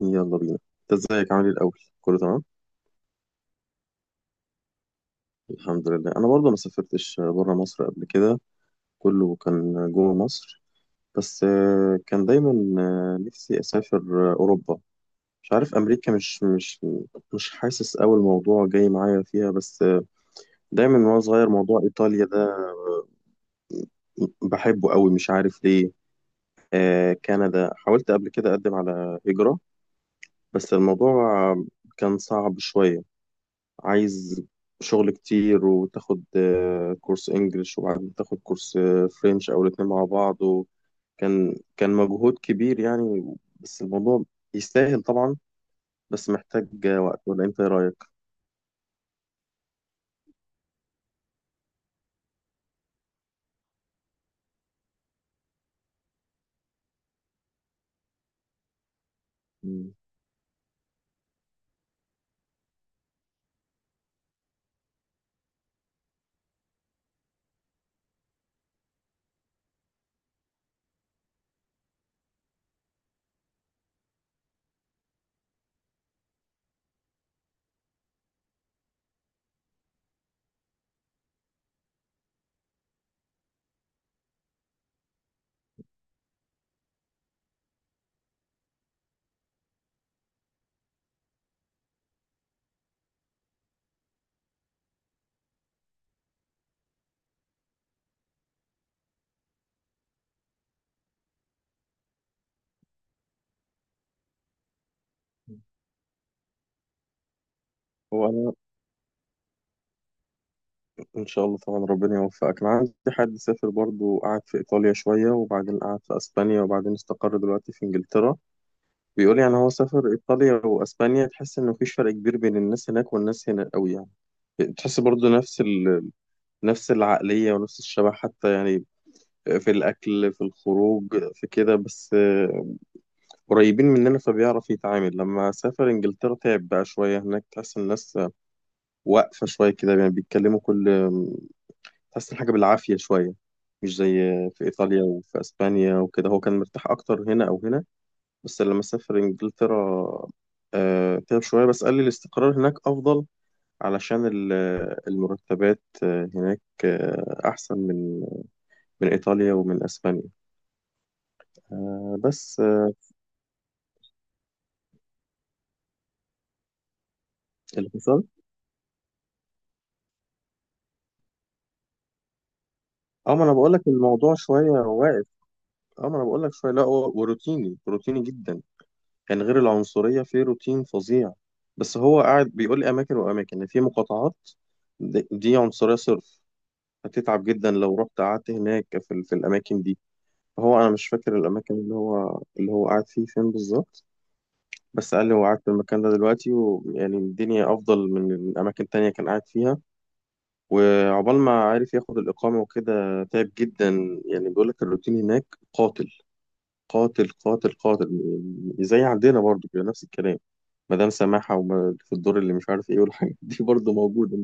يلا بينا، انت ازيك؟ عامل ايه الاول؟ كله تمام؟ الحمد لله، انا برضه ما سافرتش بره مصر قبل كده، كله كان جوه مصر. بس كان دايما نفسي اسافر اوروبا. مش عارف امريكا، مش حاسس قوي الموضوع جاي معايا فيها. بس دايما وانا صغير موضوع ايطاليا ده بحبه قوي، مش عارف ليه. كندا حاولت قبل كده اقدم على هجرة، بس الموضوع كان صعب شوية. عايز شغل كتير، وتاخد كورس انجليش وبعدين تاخد كورس فرنش او الاتنين مع بعض، وكان مجهود كبير يعني. بس الموضوع يستاهل طبعا، بس محتاج وقت. ولا انت ايه رايك؟ مم. هو انا ان شاء الله طبعا ربنا يوفقك. انا عندي حد سافر برضو، قعد في ايطاليا شويه وبعدين قعد في اسبانيا وبعدين استقر دلوقتي في انجلترا. بيقول يعني هو سافر ايطاليا واسبانيا، تحس ان مفيش فرق كبير بين الناس هناك والناس هنا قوي يعني. تحس برضو نفس نفس العقلية ونفس الشبه حتى يعني، في الأكل، في الخروج، في كده. بس قريبين مننا فبيعرف يتعامل. لما سافر إنجلترا تعب بقى شوية هناك، تحس الناس واقفة شوية كده يعني، بيتكلموا كل تحس الحاجة بالعافية شوية، مش زي في إيطاليا وفي أسبانيا وكده. هو كان مرتاح أكتر هنا أو هنا، بس لما سافر إنجلترا تعب شوية. بس قال لي الاستقرار هناك أفضل، علشان المرتبات هناك أحسن من إيطاليا ومن أسبانيا. بس اللي حصل، اه ما انا بقول لك الموضوع شويه واقف. اه ما انا بقول لك شويه، لا هو وروتيني، روتيني جدا يعني، غير العنصريه في روتين فظيع. بس هو قاعد بيقول لي اماكن واماكن، يعني في مقاطعات دي عنصريه صرف، هتتعب جدا لو رحت قعدت هناك في الاماكن دي. هو انا مش فاكر الاماكن اللي هو قاعد فيه فين بالظبط. بس قال لي هو قاعد في المكان ده دلوقتي، ويعني الدنيا افضل من اماكن تانية كان قاعد فيها. وعقبال ما عارف ياخد الإقامة وكده تعب جدا. يعني بيقول لك الروتين هناك قاتل، قاتل قاتل قاتل. زي عندنا برضو كده نفس الكلام، مدام سماحة وما في الدور اللي مش عارف ايه والحاجات دي برضو موجودة.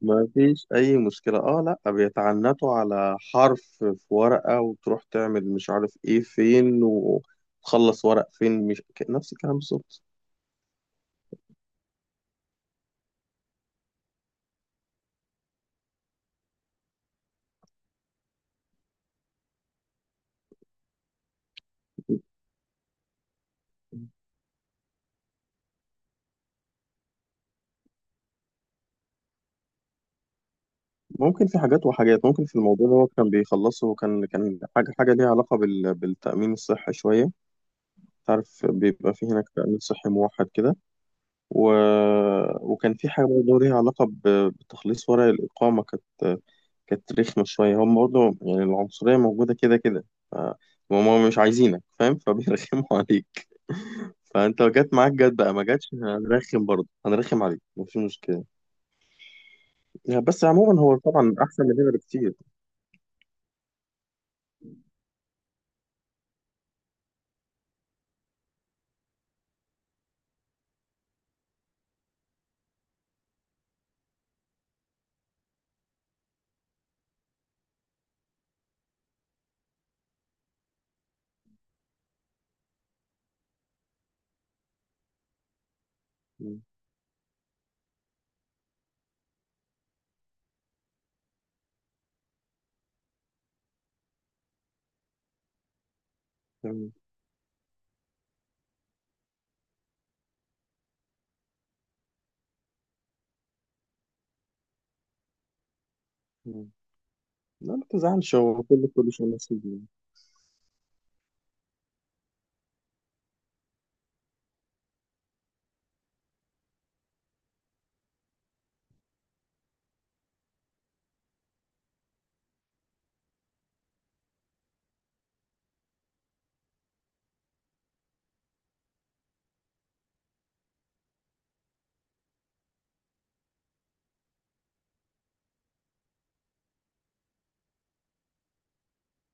ما فيش أي مشكلة، اه لا، بيتعنتوا على حرف في ورقة وتروح تعمل مش عارف ايه فين وتخلص ورق فين، مش نفس الكلام بالظبط. ممكن في حاجات وحاجات، ممكن في الموضوع اللي هو كان بيخلصه كان حاجة ليها علاقة بالتأمين الصحي شوية. تعرف بيبقى في هناك تأمين صحي موحد كده، و... وكان في حاجة برضه ليها علاقة بتخليص ورق الإقامة. كانت رخمة شوية. هم برضه يعني العنصرية موجودة كده كده. ف... هم مش عايزينك فاهم فبيرخموا عليك. فانت لو جت معاك جت، بقى ما جاتش هنرخم برضه، هنرخم عليك مفيش مشكلة. يعني بس عموما هو طبعا أحسن من هنا بكتير. لا ما تزعلش، هو كل شيء نصيب يعني.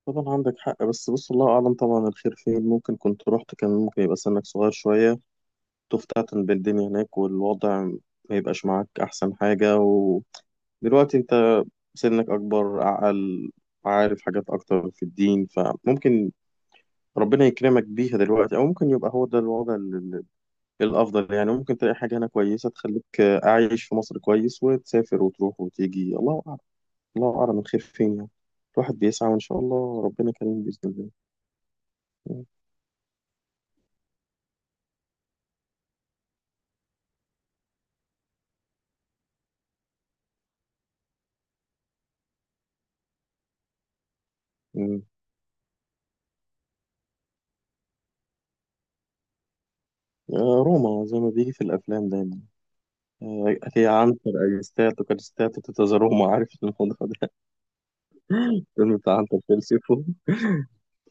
طبعا عندك حق، بس بص، الله أعلم طبعا الخير فين. ممكن كنت رحت كان ممكن يبقى سنك صغير شوية، تفتتن بالدنيا هناك والوضع ما يبقاش معاك أحسن حاجة. ودلوقتي أنت سنك أكبر، أعقل، عارف حاجات أكتر في الدين، فممكن ربنا يكرمك بيها دلوقتي. أو ممكن يبقى هو ده الوضع الأفضل يعني. ممكن تلاقي حاجة هنا كويسة تخليك أعيش في مصر كويس وتسافر وتروح وتيجي. الله، الله أعلم الخير فين يعني. الواحد بيسعى وإن شاء الله ربنا كريم بإذن الله. مم. روما زي ما بيجي في الأفلام دايما. أتي عنتر، أجستاتو كاريستاتو تيتا روما، عارف الموضوع ده؟ الفيلم بتاع عنتر فيلسيفو.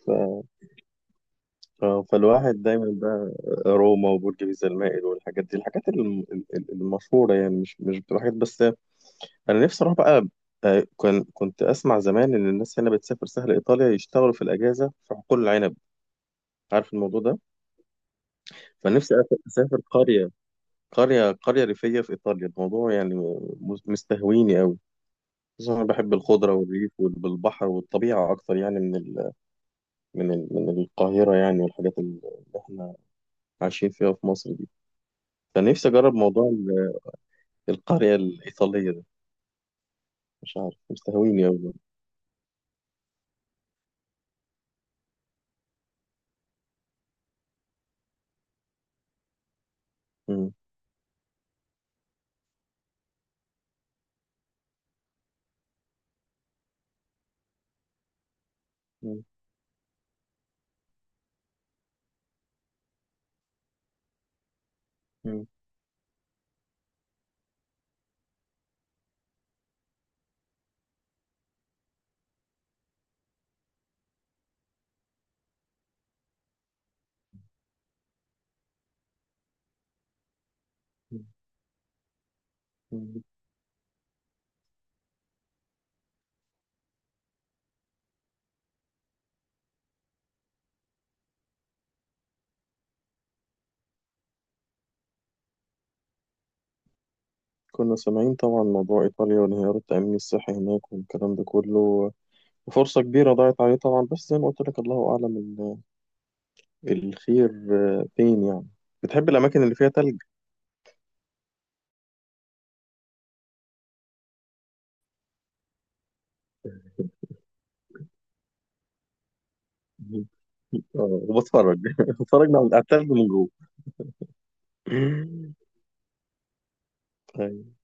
ف... فالواحد دايما بقى روما وبرج بيزا المائل والحاجات دي، الحاجات المشهورة يعني، مش بتبقى حاجات بس. أنا نفسي أروح بقى. كنت أسمع زمان إن الناس هنا بتسافر سهل إيطاليا يشتغلوا في الأجازة في حقول العنب. عارف الموضوع ده؟ فنفسي أسافر قرية ريفية في إيطاليا. الموضوع يعني مستهويني أوي. خصوصا أنا بحب الخضرة والريف والبحر والطبيعة أكتر يعني من القاهرة يعني، والحاجات اللي إحنا عايشين فيها في مصر دي. فنفسي أجرب موضوع القرية الإيطالية ده. مش عارف، مستهويني أوي. مم. مم. مم. مم. كنا سامعين طبعا موضوع إيطاليا وانهيار التأمين الصحي هناك والكلام ده كله. فرصة كبيرة ضاعت عليه طبعا، بس زي ما قلت لك الله أعلم الخير فين يعني. بتحب الأماكن اللي فيها تلج؟ وبتفرج بتفرج من على التلج من جوه. أيوة.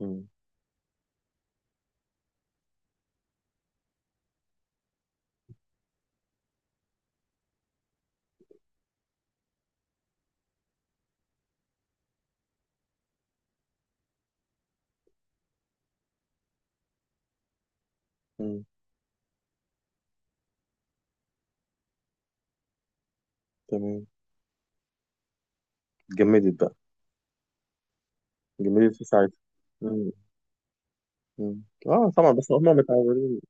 مم. مم. تمام، جمدت بقى، جمدت في ساعتها. مم. مم. اه طبعا، بس هم متعودين.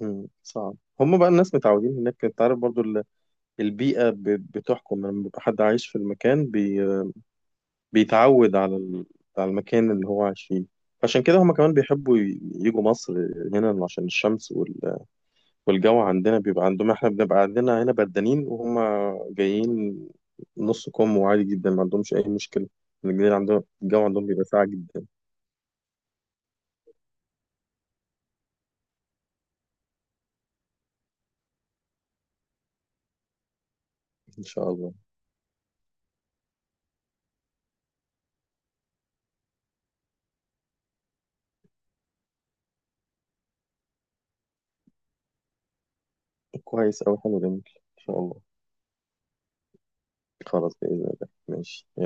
مم. صعب، هم بقى الناس متعودين هناك. انت عارف برضو البيئة بتحكم، لما بيبقى حد عايش في المكان بيتعود على المكان اللي هو عايش فيه. عشان كده هم كمان بيحبوا يجوا مصر هنا عشان الشمس والجو. عندنا بيبقى عندهم، احنا بنبقى عندنا هنا بدانين وهم جايين نص كم وعادي جدا، ما عندهمش اي مشكله. الجو عندهم، الجو عندهم بيبقى ساقع جدا. ان شاء الله، كويس اوي، حلو جميل، ان شاء الله. خلاص باذن الله ماشي.